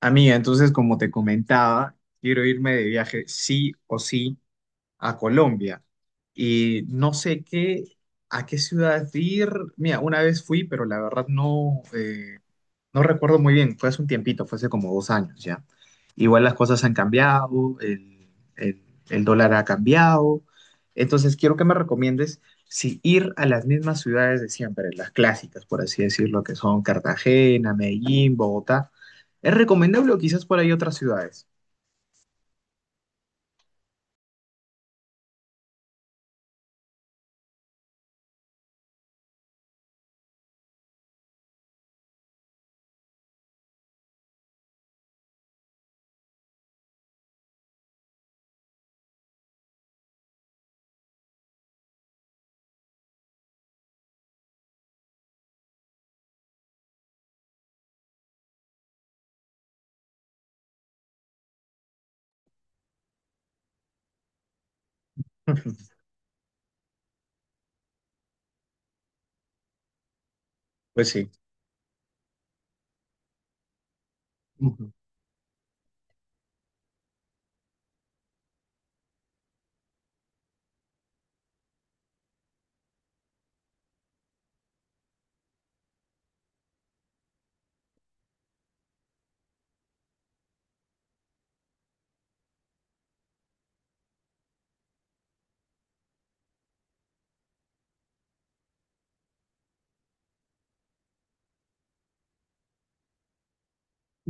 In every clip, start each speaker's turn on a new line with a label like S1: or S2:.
S1: Amiga, entonces, como te comentaba, quiero irme de viaje sí o sí a Colombia. Y no sé qué, a qué ciudad ir. Mira, una vez fui, pero la verdad no, no recuerdo muy bien, fue hace un tiempito, fue hace como dos años ya. Igual las cosas han cambiado, el- el dólar ha cambiado. Entonces, quiero que me recomiendes si ir a las mismas ciudades de siempre, las clásicas, por así decirlo, que son Cartagena, Medellín, Bogotá. ¿Es recomendable o quizás por ahí otras ciudades? Pues sí. Ujú.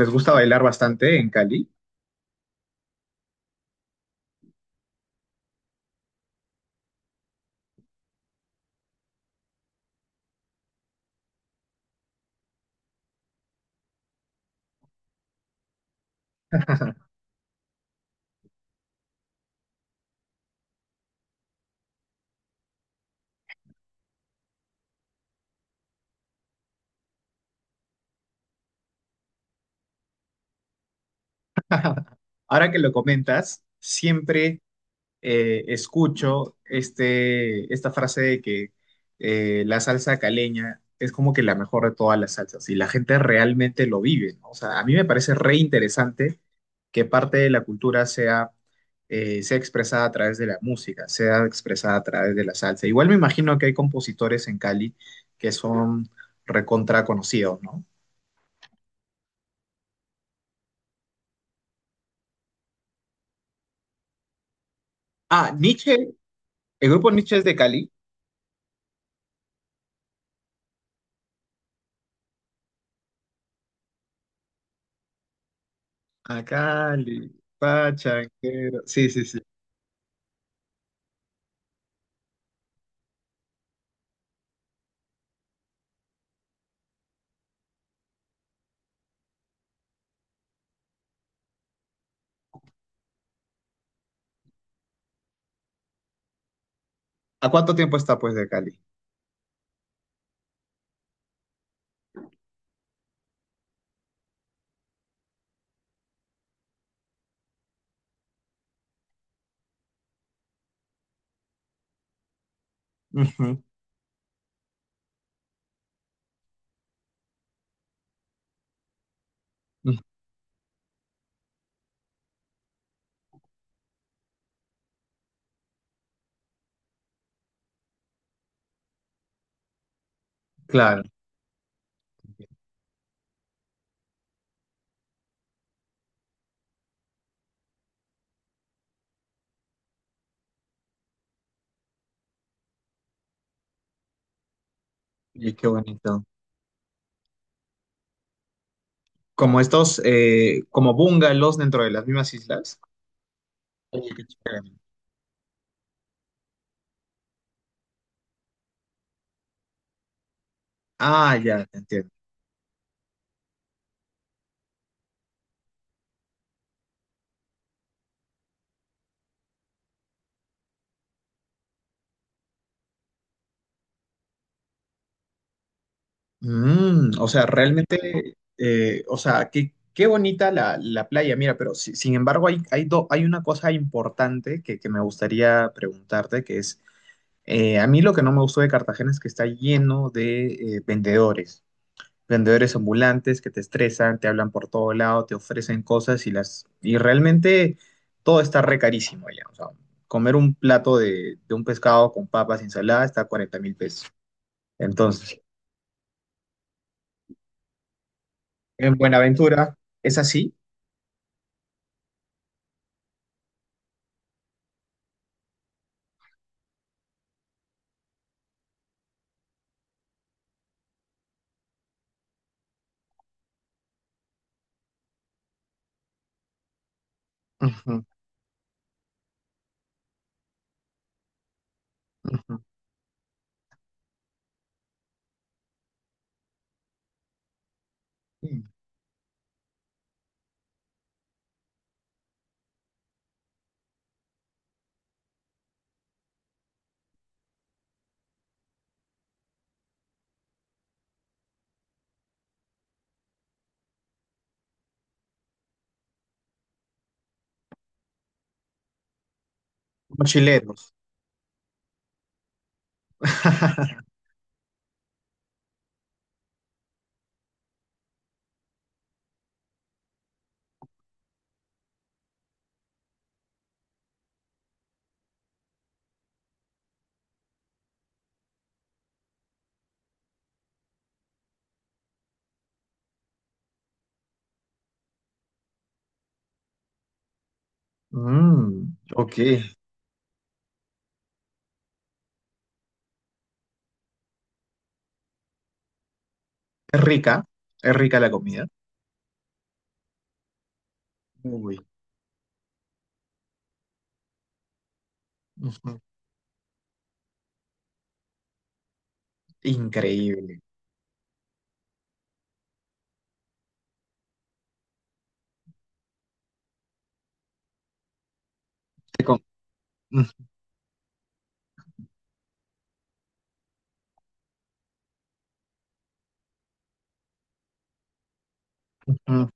S1: Les gusta bailar bastante en Cali. Ahora que lo comentas, siempre escucho esta frase de que la salsa caleña es como que la mejor de todas las salsas y la gente realmente lo vive, ¿no? O sea, a mí me parece re interesante que parte de la cultura sea, sea expresada a través de la música, sea expresada a través de la salsa. Igual me imagino que hay compositores en Cali que son recontra conocidos, ¿no? Ah, Nietzsche, el grupo Nietzsche es de Cali. A Cali, pachanguero. Sí, sí, sí. ¿A cuánto tiempo está pues de Cali? Ujú. Mm, claro, y qué bonito. Como estos, como bungalows dentro de las mismas islas. Oye, qué chévere. Ah, ya, te entiendo. Mm, o sea, realmente, o sea, qué, qué bonita la, la playa. Mira, pero sin embargo hay, hay, hay una cosa importante que me gustaría preguntarte, que es, a mí lo que no me gustó de Cartagena es que está lleno de vendedores. Vendedores ambulantes que te estresan, te hablan por todo lado, te ofrecen cosas y las y realmente todo está re carísimo ya. O sea, comer un plato de un pescado con papas y ensalada está a 40 mil pesos. Entonces, en Buenaventura es así. Ujú, ujú. Mm, mochileros. Mm, ok. Rica, es rica la comida. Uy, ujú. Increíble. Te com- ujú. Mm,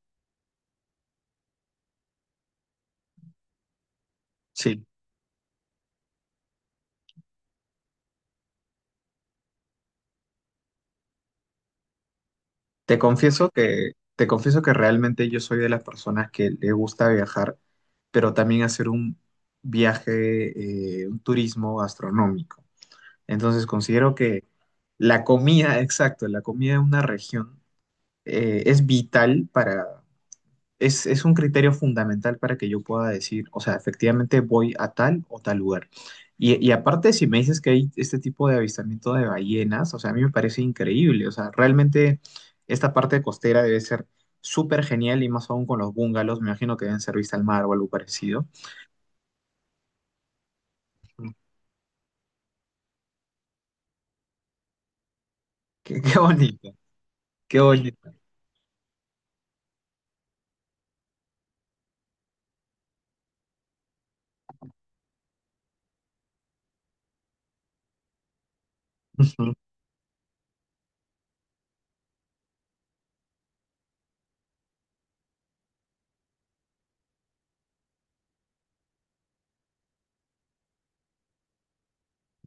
S1: sí. Te confieso que realmente yo soy de las personas que le gusta viajar, pero también hacer un viaje, un turismo gastronómico. Entonces considero que la comida, exacto, la comida de una región es vital para, es un criterio fundamental para que yo pueda decir, o sea, efectivamente voy a tal o tal lugar. Y aparte, si me dices que hay este tipo de avistamiento de ballenas, o sea, a mí me parece increíble. O sea, realmente esta parte costera debe ser súper genial y más aún con los bungalows, me imagino que deben ser vista al mar o algo parecido. Qué, qué bonito, qué bonito.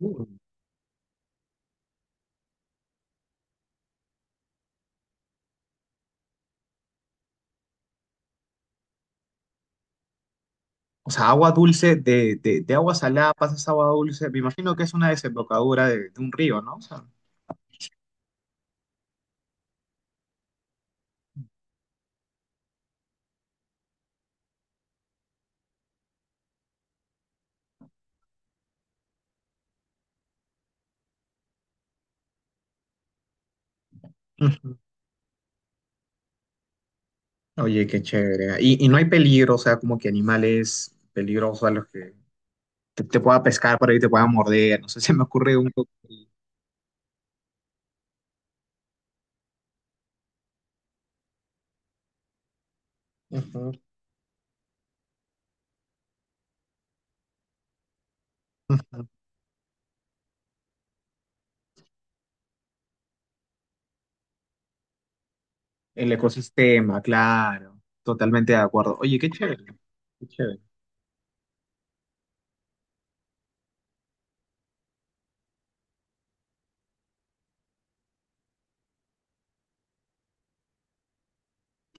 S1: Ujú. O sea, agua dulce, de agua salada pasas a agua dulce, me imagino que es una desembocadura de un río, ¿no? O sea, oye, qué chévere. Y no hay peligro, o sea, como que animales peligrosos a los que te pueda pescar por ahí, te pueda morder. No sé, se me ocurre un poco el ujú. Ujú. El ecosistema, claro. Totalmente de acuerdo. Oye, qué chévere. Qué chévere.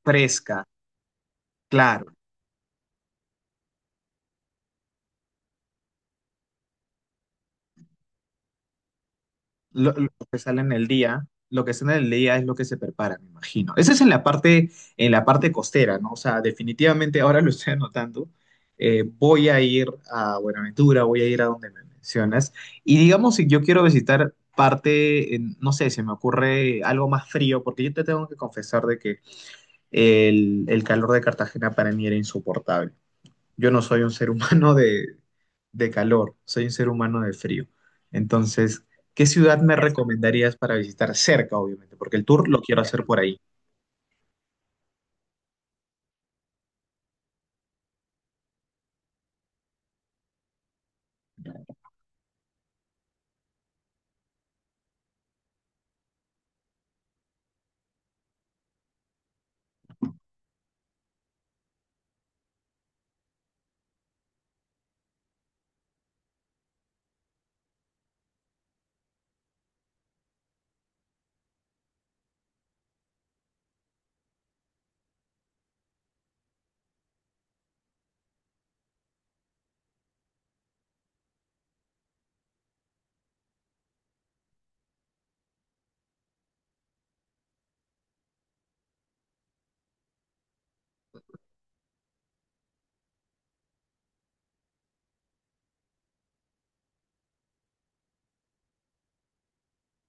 S1: Fresca, claro. Lo que sale en el día, lo que sale en el día es lo que se prepara, me imagino. Esa es en la parte costera, ¿no? O sea, definitivamente ahora lo estoy anotando. Voy a ir a Buenaventura, voy a ir a donde me mencionas. Y digamos, si yo quiero visitar parte, en- no sé, se me ocurre algo más frío, porque yo te tengo que confesar de que el calor de Cartagena para mí era insoportable. Yo no soy un ser humano de calor, soy un ser humano de frío. Entonces, ¿qué ciudad me recomendarías para visitar cerca, obviamente? Porque el tour lo quiero hacer por ahí.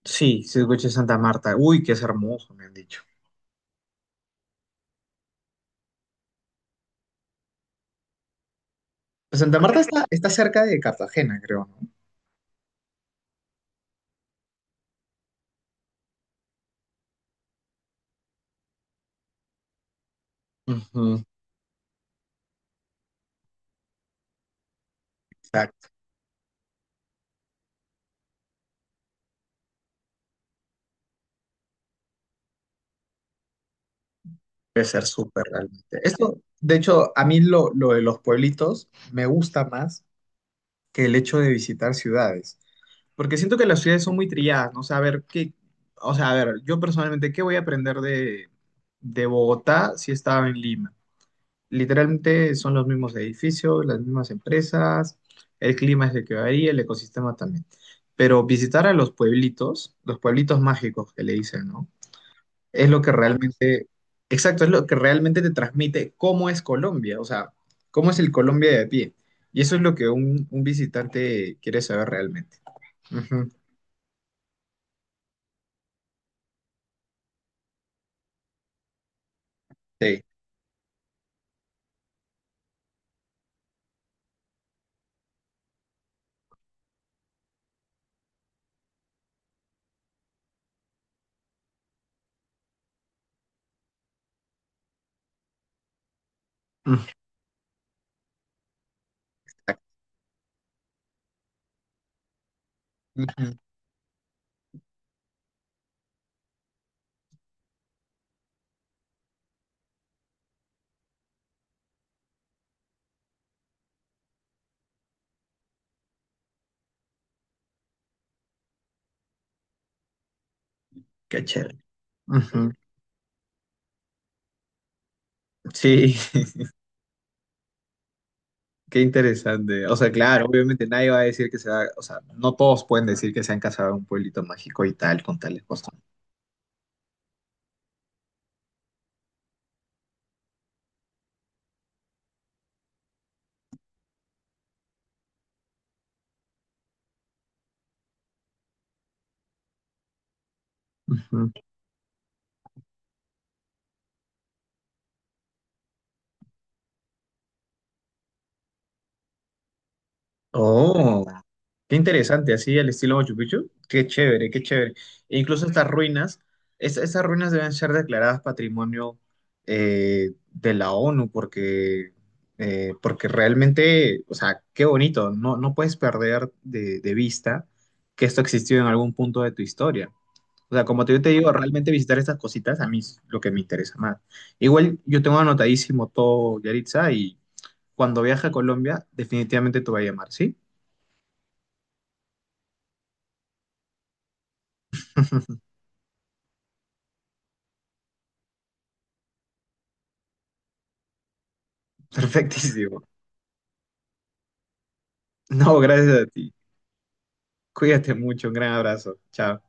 S1: Sí, sí, escuché Santa Marta. Uy, qué es hermoso, me han dicho. Pues Santa Marta está, está cerca de Cartagena, creo, ¿no? Ujú. Exacto, debe ser súper realmente. Esto, de hecho, a mí lo de los pueblitos me gusta más que el hecho de visitar ciudades. Porque siento que las ciudades son muy trilladas, ¿no? O sea, a ver, ¿qué, o sea, a ver, yo personalmente, ¿qué voy a aprender de Bogotá si estaba en Lima? Literalmente son los mismos edificios, las mismas empresas, el clima es el que varía, el ecosistema también. Pero visitar a los pueblitos mágicos que le dicen, ¿no? Es lo que realmente, exacto, es lo que realmente te transmite cómo es Colombia, o sea, cómo es el Colombia de a pie. Y eso es lo que un visitante quiere saber realmente. Ujú, sí. Ujú, ujú, qué chévere. Ujú, sí, qué interesante. O sea, claro, obviamente nadie va a decir que sea, o sea, no todos pueden decir que se han casado en un pueblito mágico y tal, con tales cosas. Oh, qué interesante, así al estilo Machu Picchu. Qué chévere, qué chévere. E incluso estas ruinas, estas ruinas deben ser declaradas patrimonio de la ONU porque, porque realmente, o sea, qué bonito. No, no puedes perder de vista que esto existió en algún punto de tu historia. O sea, como te, yo te digo, realmente visitar estas cositas a mí es lo que me interesa más. Igual yo tengo anotadísimo todo, Yaritza, y cuando viaje a Colombia, definitivamente te voy a llamar, ¿sí? Perfectísimo. No, gracias a ti. Cuídate mucho. Un gran abrazo. Chao.